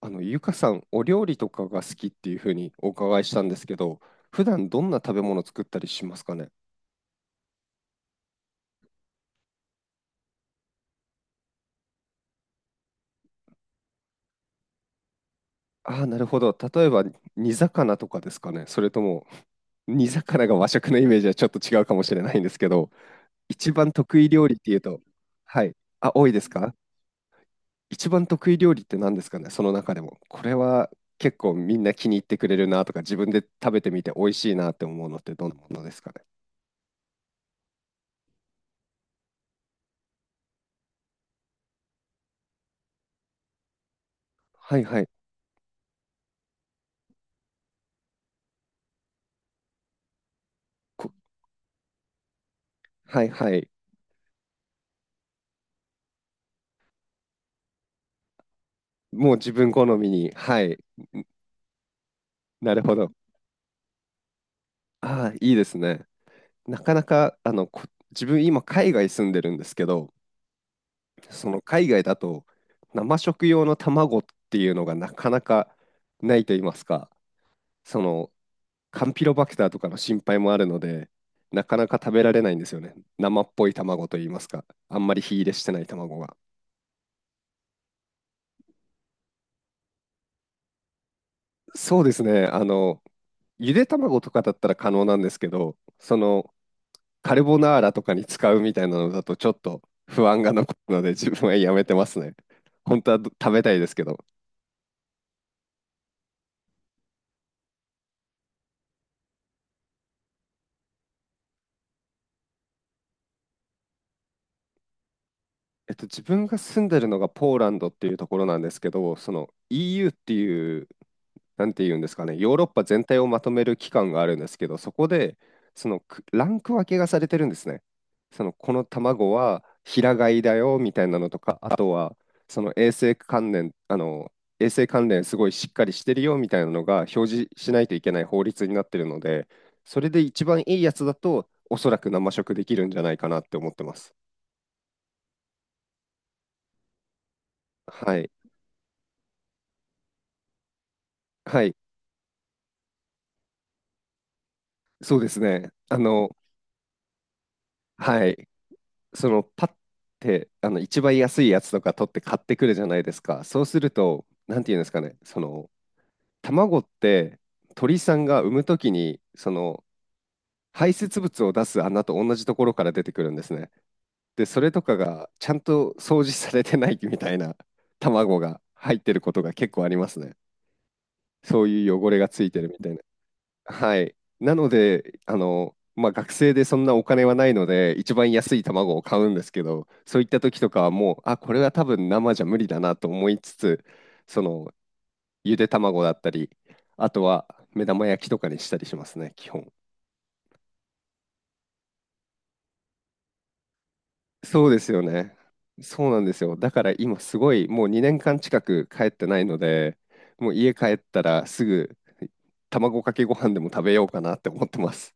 ゆかさん、お料理とかが好きっていうふうにお伺いしたんですけど、普段どんな食べ物作ったりしますかね。ああー、なるほど。例えば、煮魚とかですかね。それとも、煮魚が和食のイメージはちょっと違うかもしれないんですけど、一番得意料理っていうと、はい。あ、多いですか。一番得意料理って何ですかね、その中でも。これは結構みんな気に入ってくれるなとか、自分で食べてみて美味しいなって思うのってどんなものですかね。はいはい。こはいはい。もう自分好みに、はい。なるほど。ああ、いいですね。なかなか、自分今海外住んでるんですけど、その海外だと生食用の卵っていうのがなかなかないと言いますか、そのカンピロバクターとかの心配もあるので、なかなか食べられないんですよね。生っぽい卵と言いますか、あんまり火入れしてない卵が。そうですね。ゆで卵とかだったら可能なんですけど、そのカルボナーラとかに使うみたいなのだとちょっと不安が残るので自分はやめてますね。本当は食べたいですけど。自分が住んでるのがポーランドっていうところなんですけど、その EU っていう、なんて言うんですかね、ヨーロッパ全体をまとめる機関があるんですけど、そこで、そのランク分けがされてるんですね。その、この卵は平飼いだよみたいなのとか、あとは、その衛生関連、衛生関連すごいしっかりしてるよみたいなのが表示しないといけない法律になってるので、それで一番いいやつだと、おそらく生食できるんじゃないかなって思ってます。はい。はい。そうですね。はい。そのパッて一番安いやつとか取って買ってくるじゃないですか。そうすると、なんていうんですかね、その卵って鳥さんが産むときにその排泄物を出す穴と同じところから出てくるんですね。で、それとかがちゃんと掃除されてないみたいな卵が入ってることが結構ありますね。そういう汚れがついてるみたいな。はい。なので、まあ、学生でそんなお金はないので、一番安い卵を買うんですけど、そういった時とかはもう、あ、これは多分生じゃ無理だなと思いつつ、その、ゆで卵だったり、あとは目玉焼きとかにしたりしますね、基本。そうですよね。そうなんですよ。だから今すごい、もう2年間近く帰ってないので、もう家帰ったらすぐ卵かけご飯でも食べようかなって思ってます。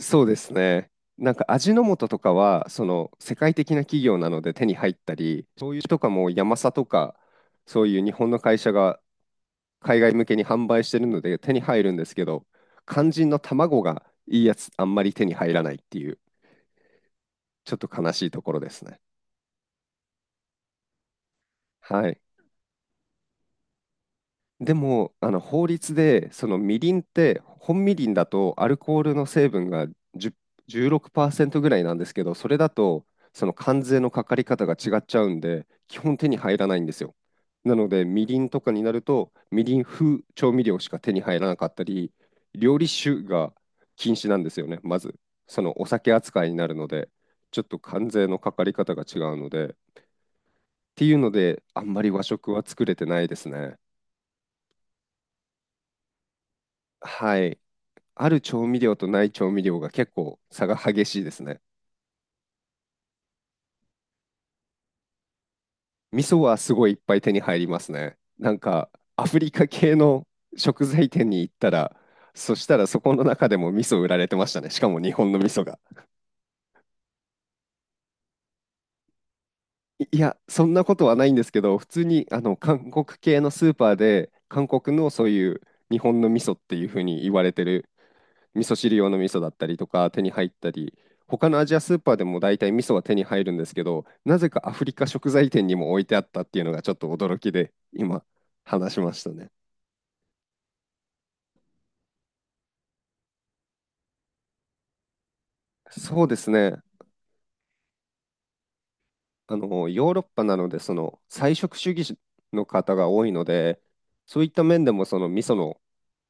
そうですね。なんか味の素とかは、その世界的な企業なので手に入ったり、そういうとかもヤマサとか、そういう日本の会社が海外向けに販売してるので手に入るんですけど、肝心の卵がいいやつあんまり手に入らないっていう、ちょっと悲しいところですね。はい。でも、あの法律で、そのみりんって、本みりんだとアルコールの成分がじゅうじゅうろくパーセ16%ぐらいなんですけど、それだと、その関税のかかり方が違っちゃうんで、基本手に入らないんですよ。なので、みりんとかになると、みりん風調味料しか手に入らなかったり、料理酒が禁止なんですよね、まず。そのお酒扱いになるので、ちょっと関税のかかり方が違うので、っていうので、あんまり和食は作れてないですね。はい。ある調味料とない調味料が結構差が激しいですね。味噌はすごいいっぱい手に入りますね。なんかアフリカ系の食材店に行ったら、そしたらそこの中でも味噌売られてましたね。しかも日本の味噌が。いいや、そんなことはないんですけど、普通に韓国系のスーパーで、韓国のそういう日本の味噌っていうふうに言われてる味噌汁用の味噌だったりとか手に入ったり、他のアジアスーパーでも大体味噌は手に入るんですけど、なぜかアフリカ食材店にも置いてあったっていうのがちょっと驚きで、今話しましたね。そうですね。ヨーロッパなので、その菜食主義の方が多いので、そういった面でもその味噌の、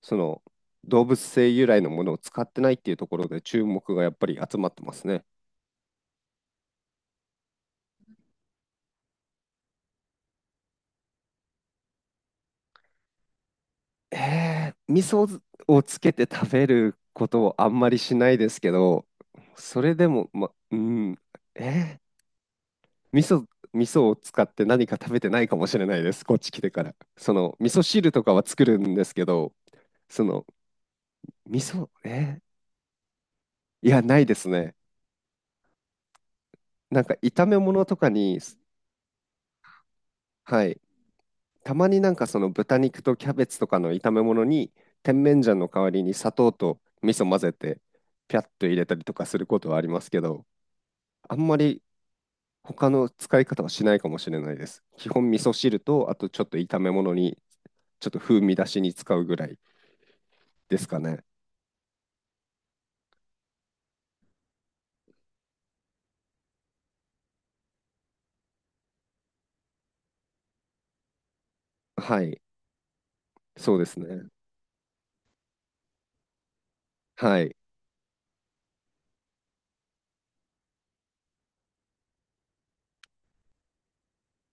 その動物性由来のものを使ってないっていうところで注目がやっぱり集まってますね。味噌をつけて食べることをあんまりしないですけど、それでも、ま、うん、えー、味噌、味噌を使って何か食べてないかもしれないです、こっち来てから。その、味噌汁とかは作るんですけど、その、味噌、えー、いや、ないですね。なんか炒め物とかに、はい、たまになんかその豚肉とキャベツとかの炒め物に、甜麺醤の代わりに砂糖と味噌混ぜて、ピャッと入れたりとかすることはありますけど、あんまり他の使い方はしないかもしれないです。基本味噌汁と、あとちょっと炒め物に、ちょっと風味出しに使うぐらいですかね。はい、そうですね。はい。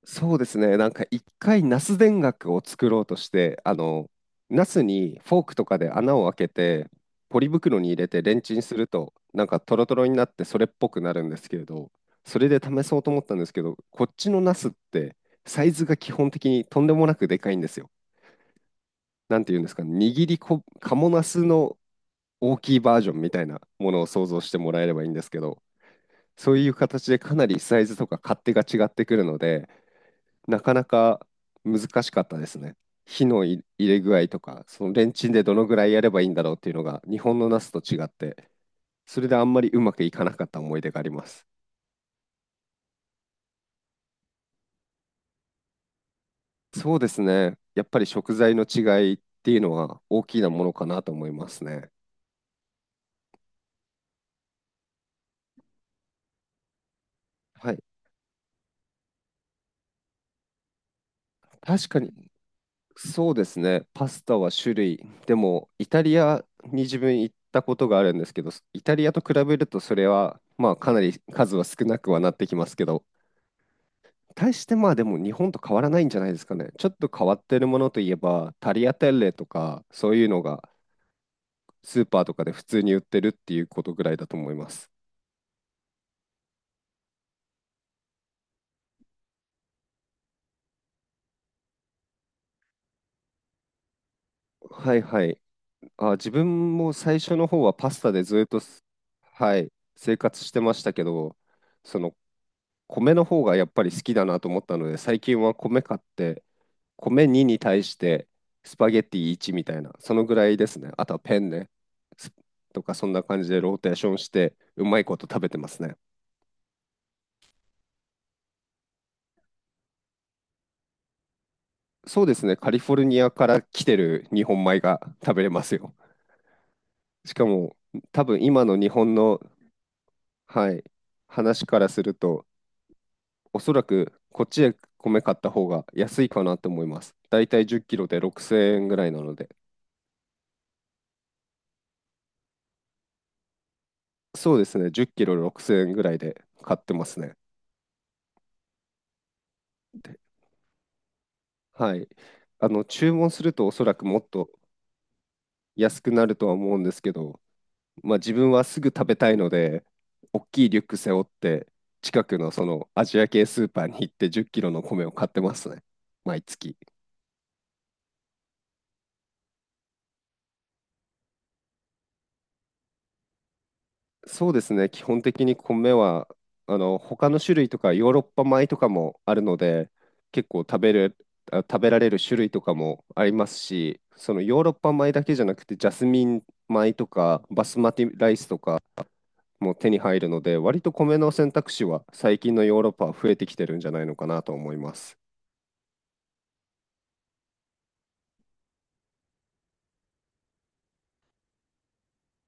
そうですね。なんか一回ナス田楽を作ろうとして、ナスにフォークとかで穴を開けて、ポリ袋に入れてレンチンすると、なんかトロトロになってそれっぽくなるんですけれど、それで試そうと思ったんですけど、こっちのナスってサイズが基本的にとんでもなくでかいんですよ。なんていうんですかね、握りこ、カモナスの大きいバージョンみたいなものを想像してもらえればいいんですけど、そういう形でかなりサイズとか勝手が違ってくるので、なかなか難しかったですね。火の入れ具合とか、そのレンチンでどのぐらいやればいいんだろうっていうのが、日本のナスと違って、それであんまりうまくいかなかった思い出があります。そうですね。やっぱり食材の違いっていうのは大きなものかなと思いますね。はい。確かに、そうですね。パスタは種類。でも、イタリアに自分行ったことがあるんですけど、イタリアと比べるとそれは、まあ、かなり数は少なくはなってきますけど、対してまあでも日本と変わらないんじゃないですかね。ちょっと変わってるものといえば、タリアテッレとか、そういうのがスーパーとかで普通に売ってるっていうことぐらいだと思います。はいはい。あ、自分も最初の方はパスタでずっと、はい、生活してましたけど、その米の方がやっぱり好きだなと思ったので、最近は米買って米2に対してスパゲッティ1みたいな、そのぐらいですね。あとはペンね。スとかそんな感じでローテーションしてうまいこと食べてますね。そうですね。カリフォルニアから来てる日本米が食べれますよ。しかも多分今の日本の、はい、話からすると、おそらくこっちで米買った方が安いかなと思います。だいたい10キロで6000円ぐらいなので。そうですね。10キロ6000円ぐらいで買ってますね。はい。注文するとおそらくもっと安くなるとは思うんですけど、まあ自分はすぐ食べたいので、大きいリュック背負って、近くのそのアジア系スーパーに行って10キロの米を買ってますね。毎月。そうですね。基本的に米は、他の種類とかヨーロッパ米とかもあるので、結構食べる、あ食べられる種類とかもありますし、そのヨーロッパ米だけじゃなくて、ジャスミン米とか、バスマティライスとか、も手に入るので、割と米の選択肢は最近のヨーロッパは増えてきてるんじゃないのかなと思います。